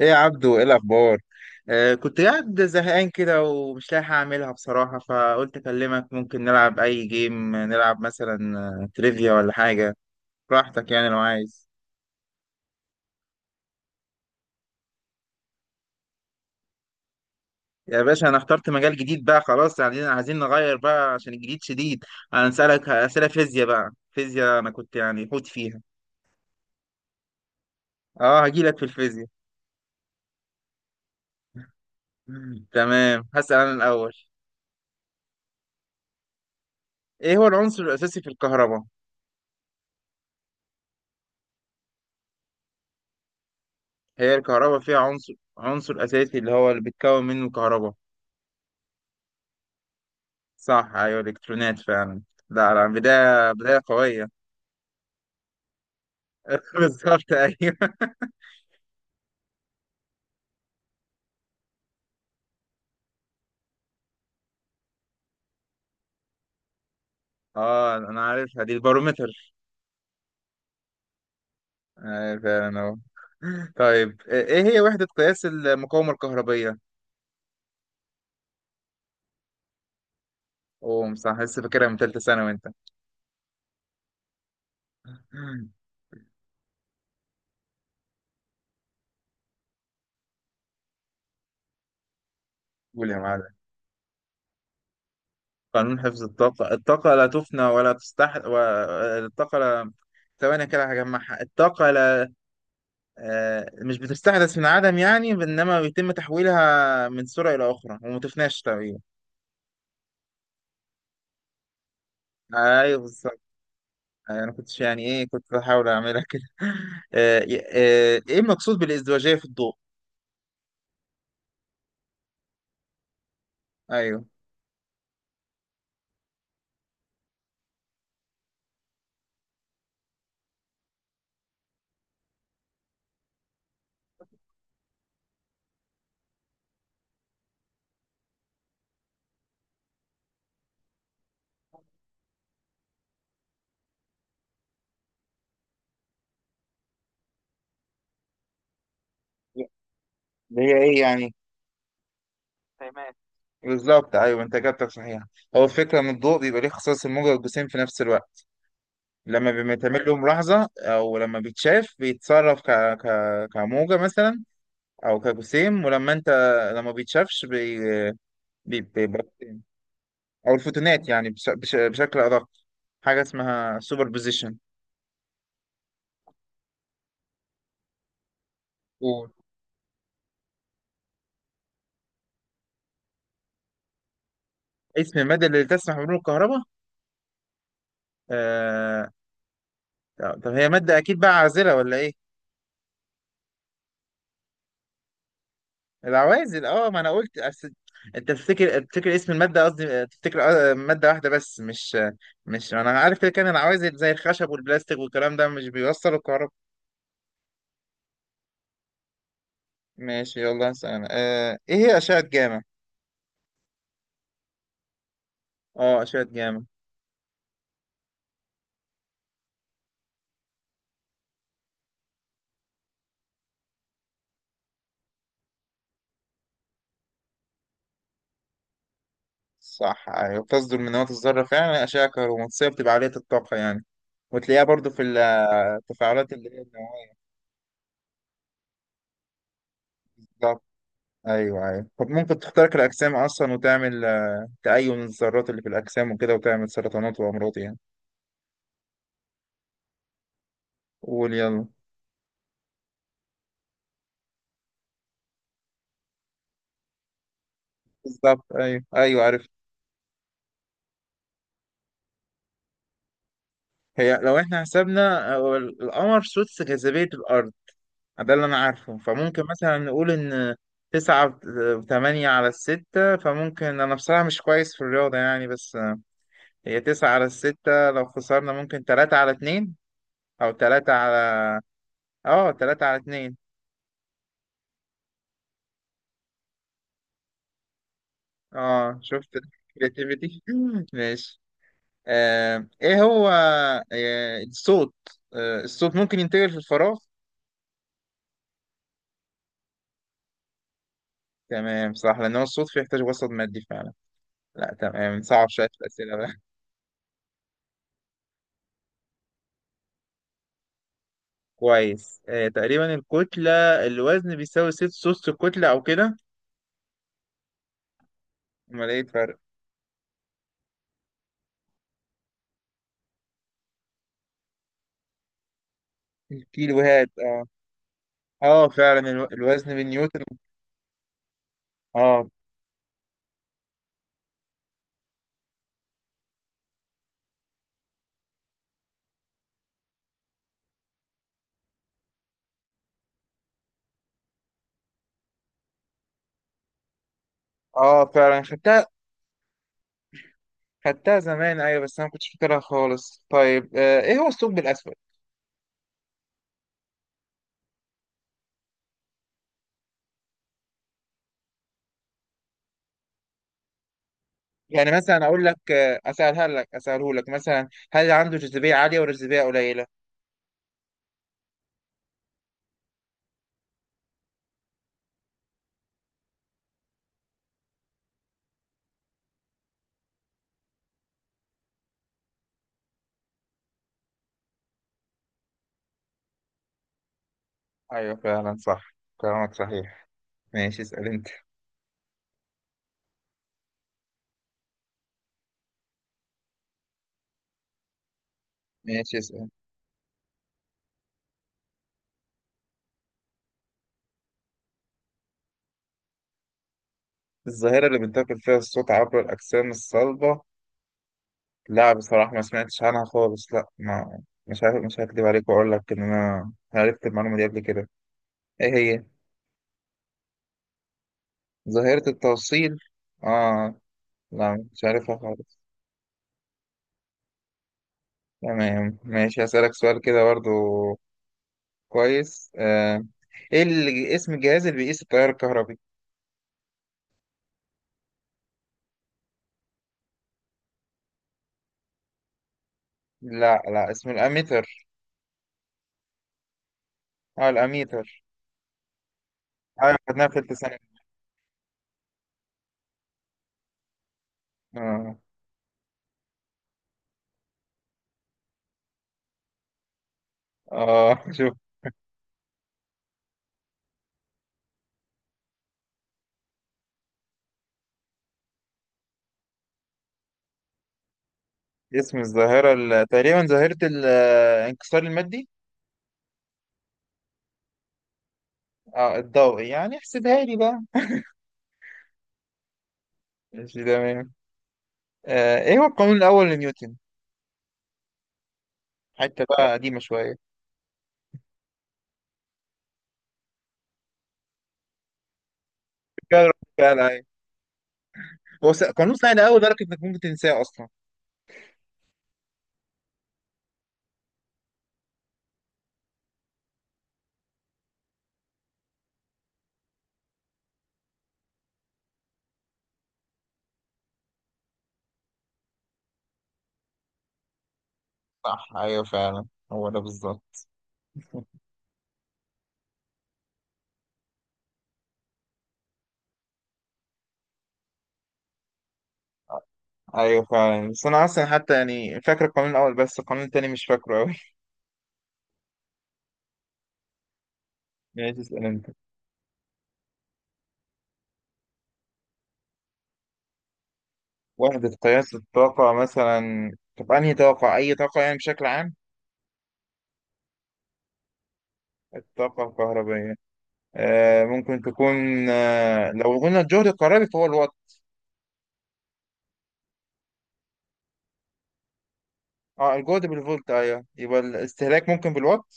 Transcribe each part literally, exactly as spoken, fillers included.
ايه يا عبدو، ايه الاخبار؟ آه كنت قاعد زهقان كده ومش لاقي حاجه اعملها بصراحه، فقلت اكلمك. ممكن نلعب اي جيم، نلعب مثلا آه، تريفيا ولا حاجه؟ براحتك يعني، لو عايز. يا باشا، انا اخترت مجال جديد بقى خلاص، يعني عايزين نغير بقى عشان الجديد شديد. انا هسألك اسئله فيزياء بقى، فيزياء انا كنت يعني حوت فيها. اه هجيلك في الفيزياء. تمام، هسأل انا الاول. ايه هو العنصر الاساسي في الكهرباء؟ هي الكهرباء فيها عنصر عنصر اساسي اللي هو اللي بيتكون منه الكهرباء. صح، ايوه، الكترونات فعلا. لا لا، بداية بداية قوية. بالظبط، ايوه. اه، انا عارفها دي، البارومتر. آه، فعلا اهو. طيب، ايه إيه هي وحدة قياس المقاومة الكهربية؟ اوه صح، لسه فاكرها من ثالثة ثانوي انت. قول يا معلم. قانون حفظ الطاقة، الطاقة لا تفنى ولا تستحدث و... الطاقة لا، ثواني كده هجمعها. الطاقة لا، آه، مش بتستحدث من عدم يعني، انما بيتم تحويلها من سرعة إلى أخرى وما تفناش تقريبا. ايوه. يعني انا كنت يعني ايه، كنت بحاول اعملها كده. آه، آه، ايه المقصود بالازدواجيه في الضوء؟ ايوه. اللي هي ايه يعني؟ تمام. بالظبط، ايوه، انت اجابتك صحيحه. هو الفكره ان الضوء بيبقى ليه خصائص الموجه والجسيم في نفس الوقت. لما بيتعمل له ملاحظه او لما بيتشاف بيتصرف ك... ك... كموجه مثلا، او كجسيم. ولما انت لما بيتشافش بي... بي... بيبقى جسيم. او الفوتونات يعني بش... بش... بشكل ادق. حاجه اسمها سوبر بوزيشن. اسم المادة اللي تسمح بمرور الكهرباء. آه... طب طب هي مادة أكيد بقى عازلة ولا إيه؟ العوازل، أه. ما أنا قلت أس... أنت تفتكر تفتكر اسم المادة قصدي. آه، تفتكر آه، مادة واحدة بس، مش آه، مش أنا عارف كده، كان العوازل زي الخشب والبلاستيك والكلام ده مش بيوصلوا الكهرباء. ماشي، يلا هسأل أنا. آه... إيه هي أشعة جاما؟ أه، أشعة جاما. صح، أيوة، بتصدر من نواة الذرة فعلا، أشعة كهرومغناطيسية بتبقى عالية الطاقة يعني، وتلاقيها برضو في التفاعلات اللي هي النواة. ايوه ايوه. طب ممكن تخترق الاجسام اصلا وتعمل آه، تأين الذرات اللي في الاجسام وكده، وتعمل سرطانات وامراض يعني. قول يلا. بالظبط، ايوه ايوه، عرفت. هي لو احنا حسبنا آه، القمر سدس جاذبية الارض، ده اللي انا عارفه. فممكن مثلا نقول ان تسعة وثمانية على الستة. فممكن، أنا بصراحة مش كويس في الرياضة يعني، بس آه، هي تسعة على الستة. لو خسرنا ممكن تلاتة على اتنين، أو تلاتة على، اه، تلاتة على اتنين. اه، شفت. الكرياتيفيتي. ماشي. آه، ايه هو آه، الصوت؟ آه، الصوت ممكن ينتقل في الفراغ؟ تمام، صح، لان هو الصوت فيه يحتاج وسط مادي فعلا. لا تمام، صعب شويه في الاسئله بقى. كويس. آه، تقريبا الكتله، الوزن بيساوي ست سدس الكتله او كده. امال ايه الفرق؟ الكيلوهات، اه. اه، فعلا، الو- الوزن بالنيوتن. اه اه فعلا خدتها. خدتها زمان، ايوه، بس انا ما كنتش فاكرها خالص. طيب، آه، ايه هو الثقب الاسود؟ يعني مثلا اقول لك، اسالها لك اساله لك مثلا، هل عنده جاذبيه عاليه ولا جاذبيه قليله؟ ايوه فعلا، صح، كلامك صحيح. ماشي، اسال انت. ماشي، اسال. الظاهره اللي بينتقل فيها الصوت عبر الاجسام الصلبه، لا بصراحه ما سمعتش عنها خالص. لا، ما مش عارف. مش هكدب عليك واقول لك ان انا عرفت المعلومه دي قبل كده. ايه هي؟ ظاهره التوصيل، اه. لا، مش عارفها خالص. تمام، ماشي. هسألك سؤال كده برضو. كويس. آه. ايه اللي اسم الجهاز اللي بيقيس التيار الكهربي؟ لا لا، اسمه الاميتر. اه، الاميتر. ايوه، خدناها في ثالثه ثانوي. اه اه. شوف. اسم الظاهره ال- تقريبا ظاهره الانكسار المادي. اه، الضوئي، يعني احسبها لي بقى. ماشي، تمام. آه ايه هو القانون الاول لنيوتن؟ حتى بقى قديمه شويه. فعلا، فعلا، أيوة. هو س- قانون سهل قوي لدرجه انك ممكن تنساه اصلا. صح، ايوه فعلا، هو ده بالظبط. ايوه فعلا، بس انا اصلا حتى يعني فاكر القانون الاول، بس القانون التاني مش فاكره قوي. يعني تسأل انت. وحدة قياس الطاقة مثلا. طب انهي طاقة؟ اي طاقة يعني بشكل عام؟ الطاقة الكهربائية. آه ممكن تكون. آه لو قلنا الجهد الكهربي فهو الوات. اه، الجهد بالفولت، ايوه، يبقى الاستهلاك ممكن بالوات.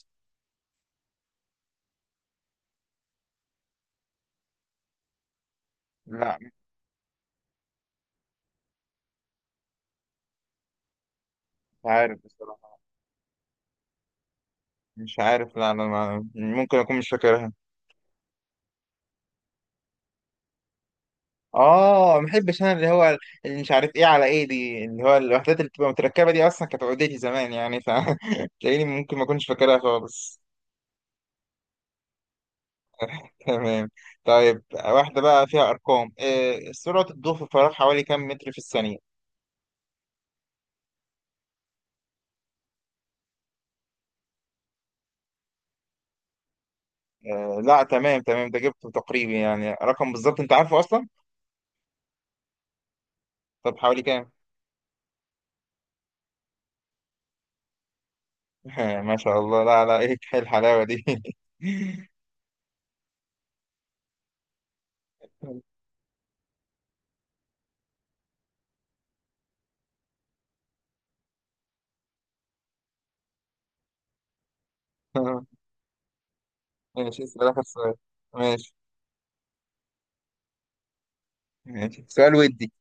لا مش عارف، بصراحة مش عارف. لا، انا ما- ممكن اكون مش فاكرها. اه، ما بحبش انا اللي هو، اللي مش عارف ايه على ايه دي، اللي هو الوحدات اللي بتبقى متركبه دي اصلا كانت عقدتي زمان يعني، فتلاقيني ممكن ما اكونش فاكرها خالص. تمام. طيب، واحده بقى فيها ارقام. آه سرعه الضوء في الفراغ حوالي كام متر في الثانيه؟ آه لا، تمام تمام، ده جبته تقريبي يعني، رقم بالظبط انت عارفه اصلا. طب حوالي كام؟ ما شاء الله، لا لا، ايه! إيه الحلاوه دي؟ ماشي، اسال اخر سؤال. ماشي. ماشي، سؤال ودي.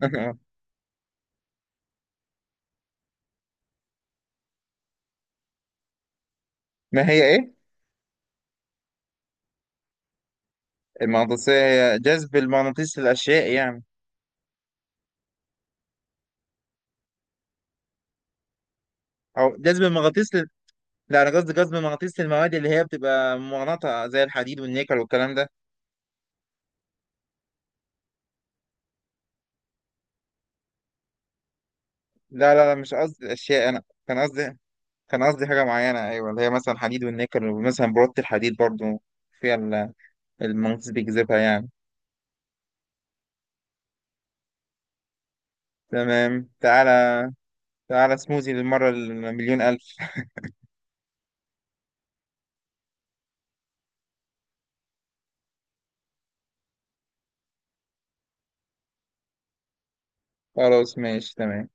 ما هي ايه؟ المغناطيسية. هي جذب المغناطيس للأشياء يعني. أو جذب المغناطيس لل... لا، أنا قصدي جذب المغناطيس للمواد اللي هي بتبقى مغناطة زي الحديد والنيكل والكلام ده. لا لا لا، مش قصدي الأشياء، أنا كان قصدي، كان قصدي حاجة معينة، أيوة، اللي هي مثلا حديد والنيكل، ومثلا برودة الحديد برضو فيها ال- المغناطيس بيجذبها يعني. تمام، تعالى. تعالى سموزي للمرة المليون ألف. خلاص ماشي، تمام.